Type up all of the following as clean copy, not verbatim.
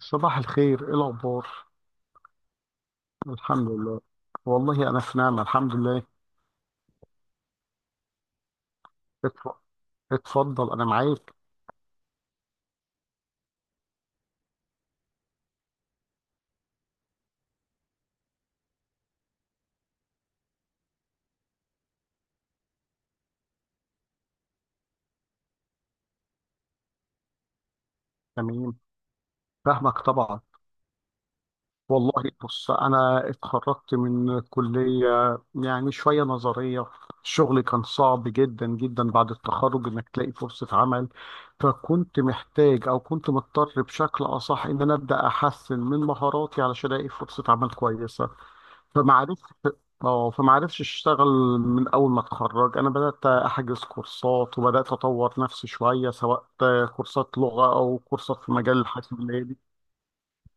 صباح الخير، ايه الاخبار؟ الحمد لله. والله انا في نعمه الحمد لله. اتف- اتفضل انا معاك. تمام، فاهمك طبعا. والله بص انا اتخرجت من كليه، يعني شويه نظريه. الشغل كان صعب جدا جدا بعد التخرج انك تلاقي فرصه عمل. فكنت محتاج او كنت مضطر بشكل اصح ان انا ابدا احسن من مهاراتي علشان الاقي فرصه عمل كويسه. فما عرفش اه فما عرفش اشتغل. من اول ما اتخرج انا بدات احجز كورسات وبدات اطور نفسي شويه، سواء كورسات لغه او كورسات في مجال الحاسبات.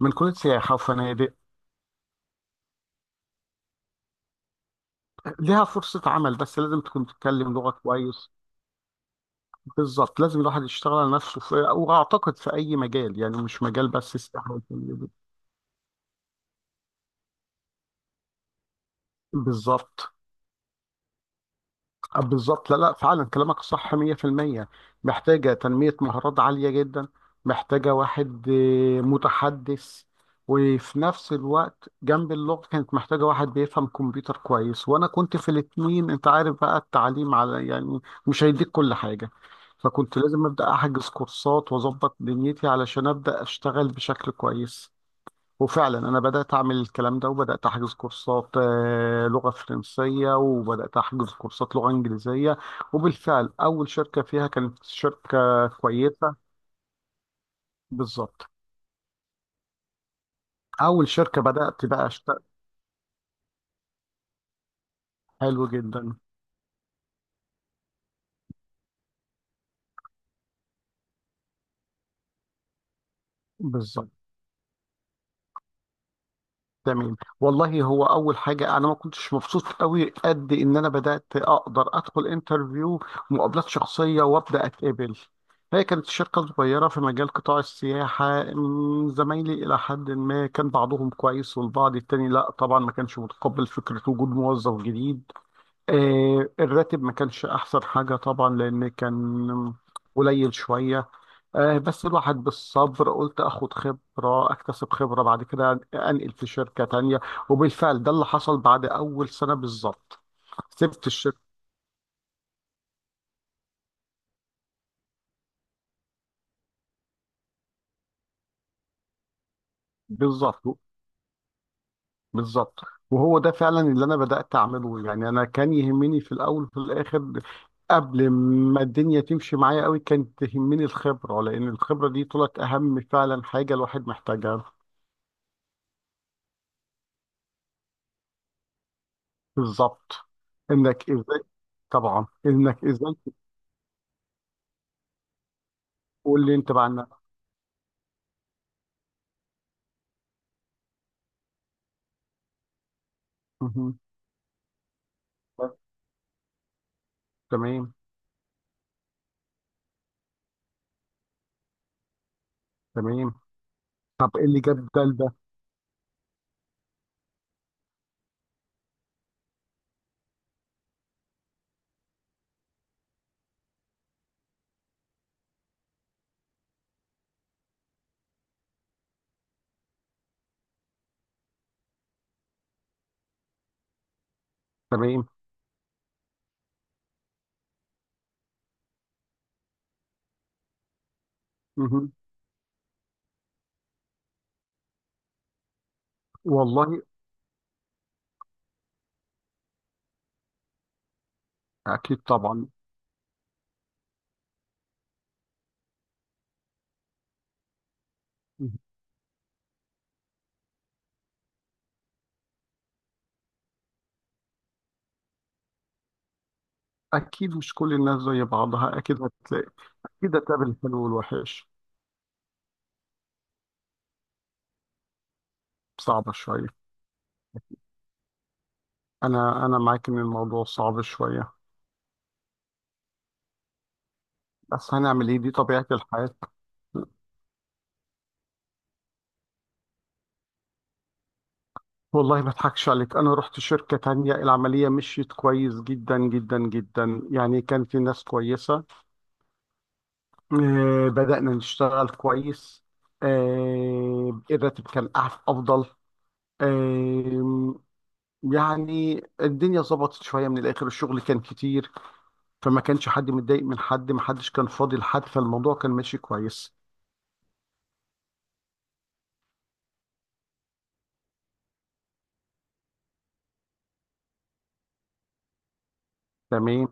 من كليه سياحه وفنادق. ليها فرصه عمل بس لازم تكون تتكلم لغه كويس. بالظبط، لازم الواحد يشتغل على نفسه في، واعتقد في اي مجال يعني، مش مجال بس سياحه وفنادق. بالظبط. بالظبط، لا لا فعلا كلامك صح 100%. محتاجة تنمية مهارات عالية جدا. محتاجة واحد متحدث. وفي نفس الوقت جنب اللغة كانت محتاجة واحد بيفهم كمبيوتر كويس، وأنا كنت في الاتنين. أنت عارف بقى التعليم على يعني مش هيديك كل حاجة. فكنت لازم أبدأ أحجز كورسات وأظبط دنيتي علشان أبدأ أشتغل بشكل كويس. وفعلا انا بدات اعمل الكلام ده وبدات احجز كورسات لغه فرنسيه، وبدات احجز كورسات لغه انجليزيه. وبالفعل اول شركه فيها كانت شركه كويسه. بالظبط. اول شركه بدات بقى اشتغل. حلو جدا. بالظبط. تمام، والله هو اول حاجه انا ما كنتش مبسوط قوي قد ان انا بدات اقدر ادخل انترفيو ومقابلات شخصيه وابدا اتقبل. هي كانت شركه صغيره في مجال قطاع السياحه. زمايلي الى حد ما كان بعضهم كويس والبعض التاني لا طبعا، ما كانش متقبل فكره وجود موظف جديد. آه، الراتب ما كانش احسن حاجه طبعا، لان كان قليل شويه. بس الواحد بالصبر، قلت اخد خبرة اكتسب خبرة بعد كده انقل في شركة تانية. وبالفعل ده اللي حصل بعد اول سنة بالظبط. سبت الشركة. بالظبط. بالظبط. وهو ده فعلا اللي انا بدأت اعمله، يعني انا كان يهمني في الاول وفي الاخر، قبل ما الدنيا تمشي معايا قوي، كانت تهمني الخبرة. لان الخبرة دي طلعت اهم فعلا حاجة الواحد محتاجها. بالظبط. انك ازاي، طبعا انك ازاي. تقول لي انت بقى عنها. مهم. تمام. تمام. طب ايه اللي جاب ده لده؟ تمام. مهم. والله. اكيد طبعا. مهم. اكيد مش كل الناس زي بعضها، اكيد هتلاقي. اكيد هتقابل الحلو والوحش. صعبة شوية. انا انا معاك ان الموضوع صعب شوية. بس هنعمل ايه، دي طبيعة الحياة. والله ما اضحكش عليك، انا رحت شركة تانية العملية مشيت كويس جدا جدا جدا. يعني كان في ناس كويسة. بدأنا نشتغل كويس. الراتب كان افضل. آه، يعني الدنيا ظبطت شويه. من الاخر الشغل كان كتير، فما كانش حد متضايق من حد، ما حدش كان فاضي لحد. فالموضوع كان ماشي كويس. تمام.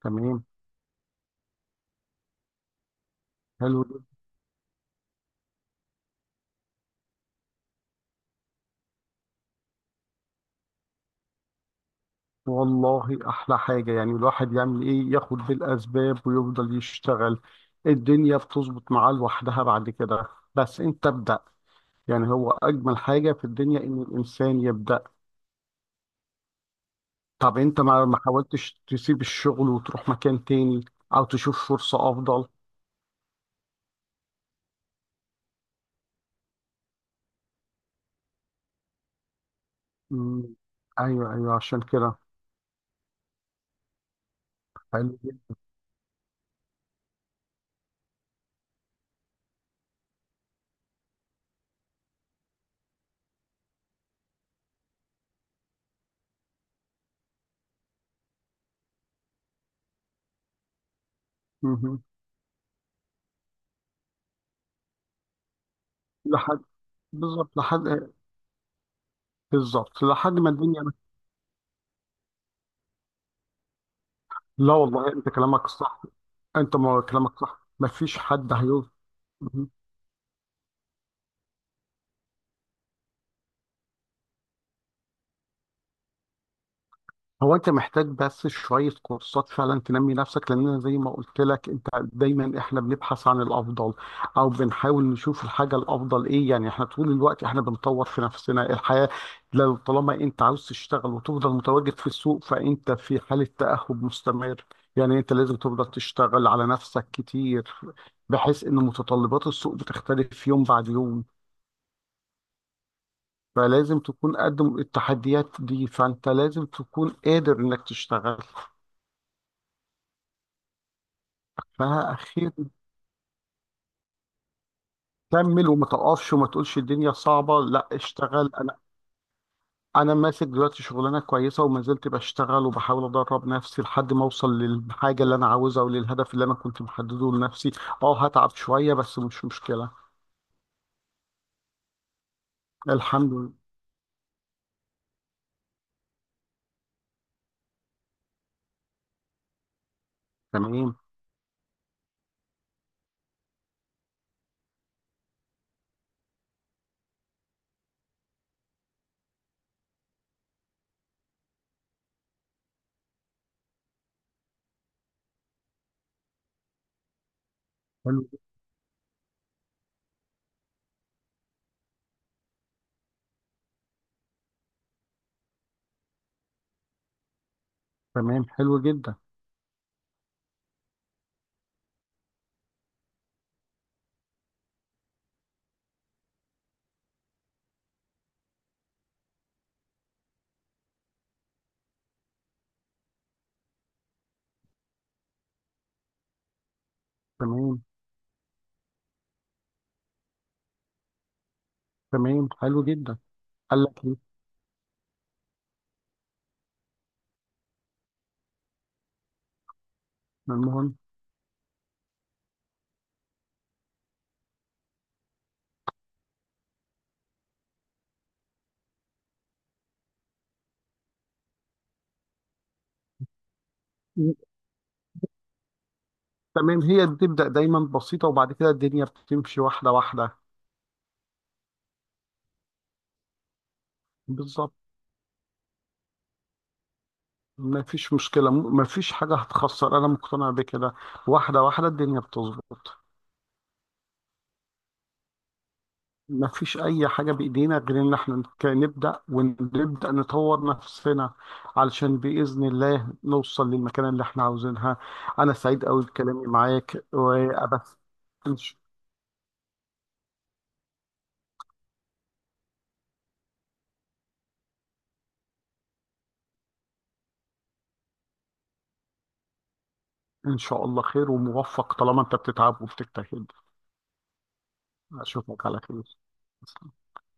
تمام. حلو جدا. والله احلى حاجه يعني الواحد يعمل ايه، ياخد بالاسباب ويفضل يشتغل. الدنيا بتظبط معاه لوحدها بعد كده. بس انت ابدا. يعني هو اجمل حاجه في الدنيا ان الانسان يبدا. طب انت ما حاولتش تسيب الشغل وتروح مكان تاني، او تشوف فرصه افضل؟ مم. ايوه ايوه، عشان كده. حلو جدا. مهم. لحد. بالظبط لحد. بالظبط لحد ما الدنيا. لا والله انت كلامك صح. انت ما كلامك صح، ما فيش حد هيقول. هو انت محتاج بس شوية كورسات فعلا تنمي نفسك، لان انا زي ما قلت لك، انت دايما احنا بنبحث عن الافضل، او بنحاول نشوف الحاجة الافضل ايه. يعني احنا طول الوقت احنا بنطور في نفسنا الحياة. لو طالما انت عاوز تشتغل وتفضل متواجد في السوق، فانت في حالة تأهب مستمر. يعني انت لازم تفضل تشتغل على نفسك كتير، بحيث ان متطلبات السوق بتختلف يوم بعد يوم. فلازم تكون قد التحديات دي، فانت لازم تكون قادر انك تشتغل. فاخيرا، كمل وما توقفش وما تقولش الدنيا صعبه، لا اشتغل. انا انا ماسك دلوقتي شغلانه كويسه وما زلت بشتغل، وبحاول ادرب نفسي لحد ما اوصل للحاجه اللي انا عاوزها وللهدف اللي انا كنت محدده لنفسي. اه هتعب شويه بس مش مشكله. الحمد لله. تمام. حلو. تمام. حلو جدا. تمام. تمام. حلو جدا. قال لك ايه؟ المهم. تمام، هي بتبدا دايما بسيطه، وبعد كده الدنيا بتمشي واحده واحده. بالظبط. ما فيش مشكلة، ما فيش حاجة هتخسر، أنا مقتنع بكده. واحدة واحدة الدنيا بتظبط. ما فيش أي حاجة بإيدينا غير إن إحنا نبدأ ونبدأ نطور نفسنا علشان بإذن الله نوصل للمكان اللي إحنا عاوزينها. أنا سعيد أوي بكلامي معاك وأبس. إن ش- إن شاء الله خير وموفق، طالما أنت بتتعب وبتجتهد. أشوفك على خير.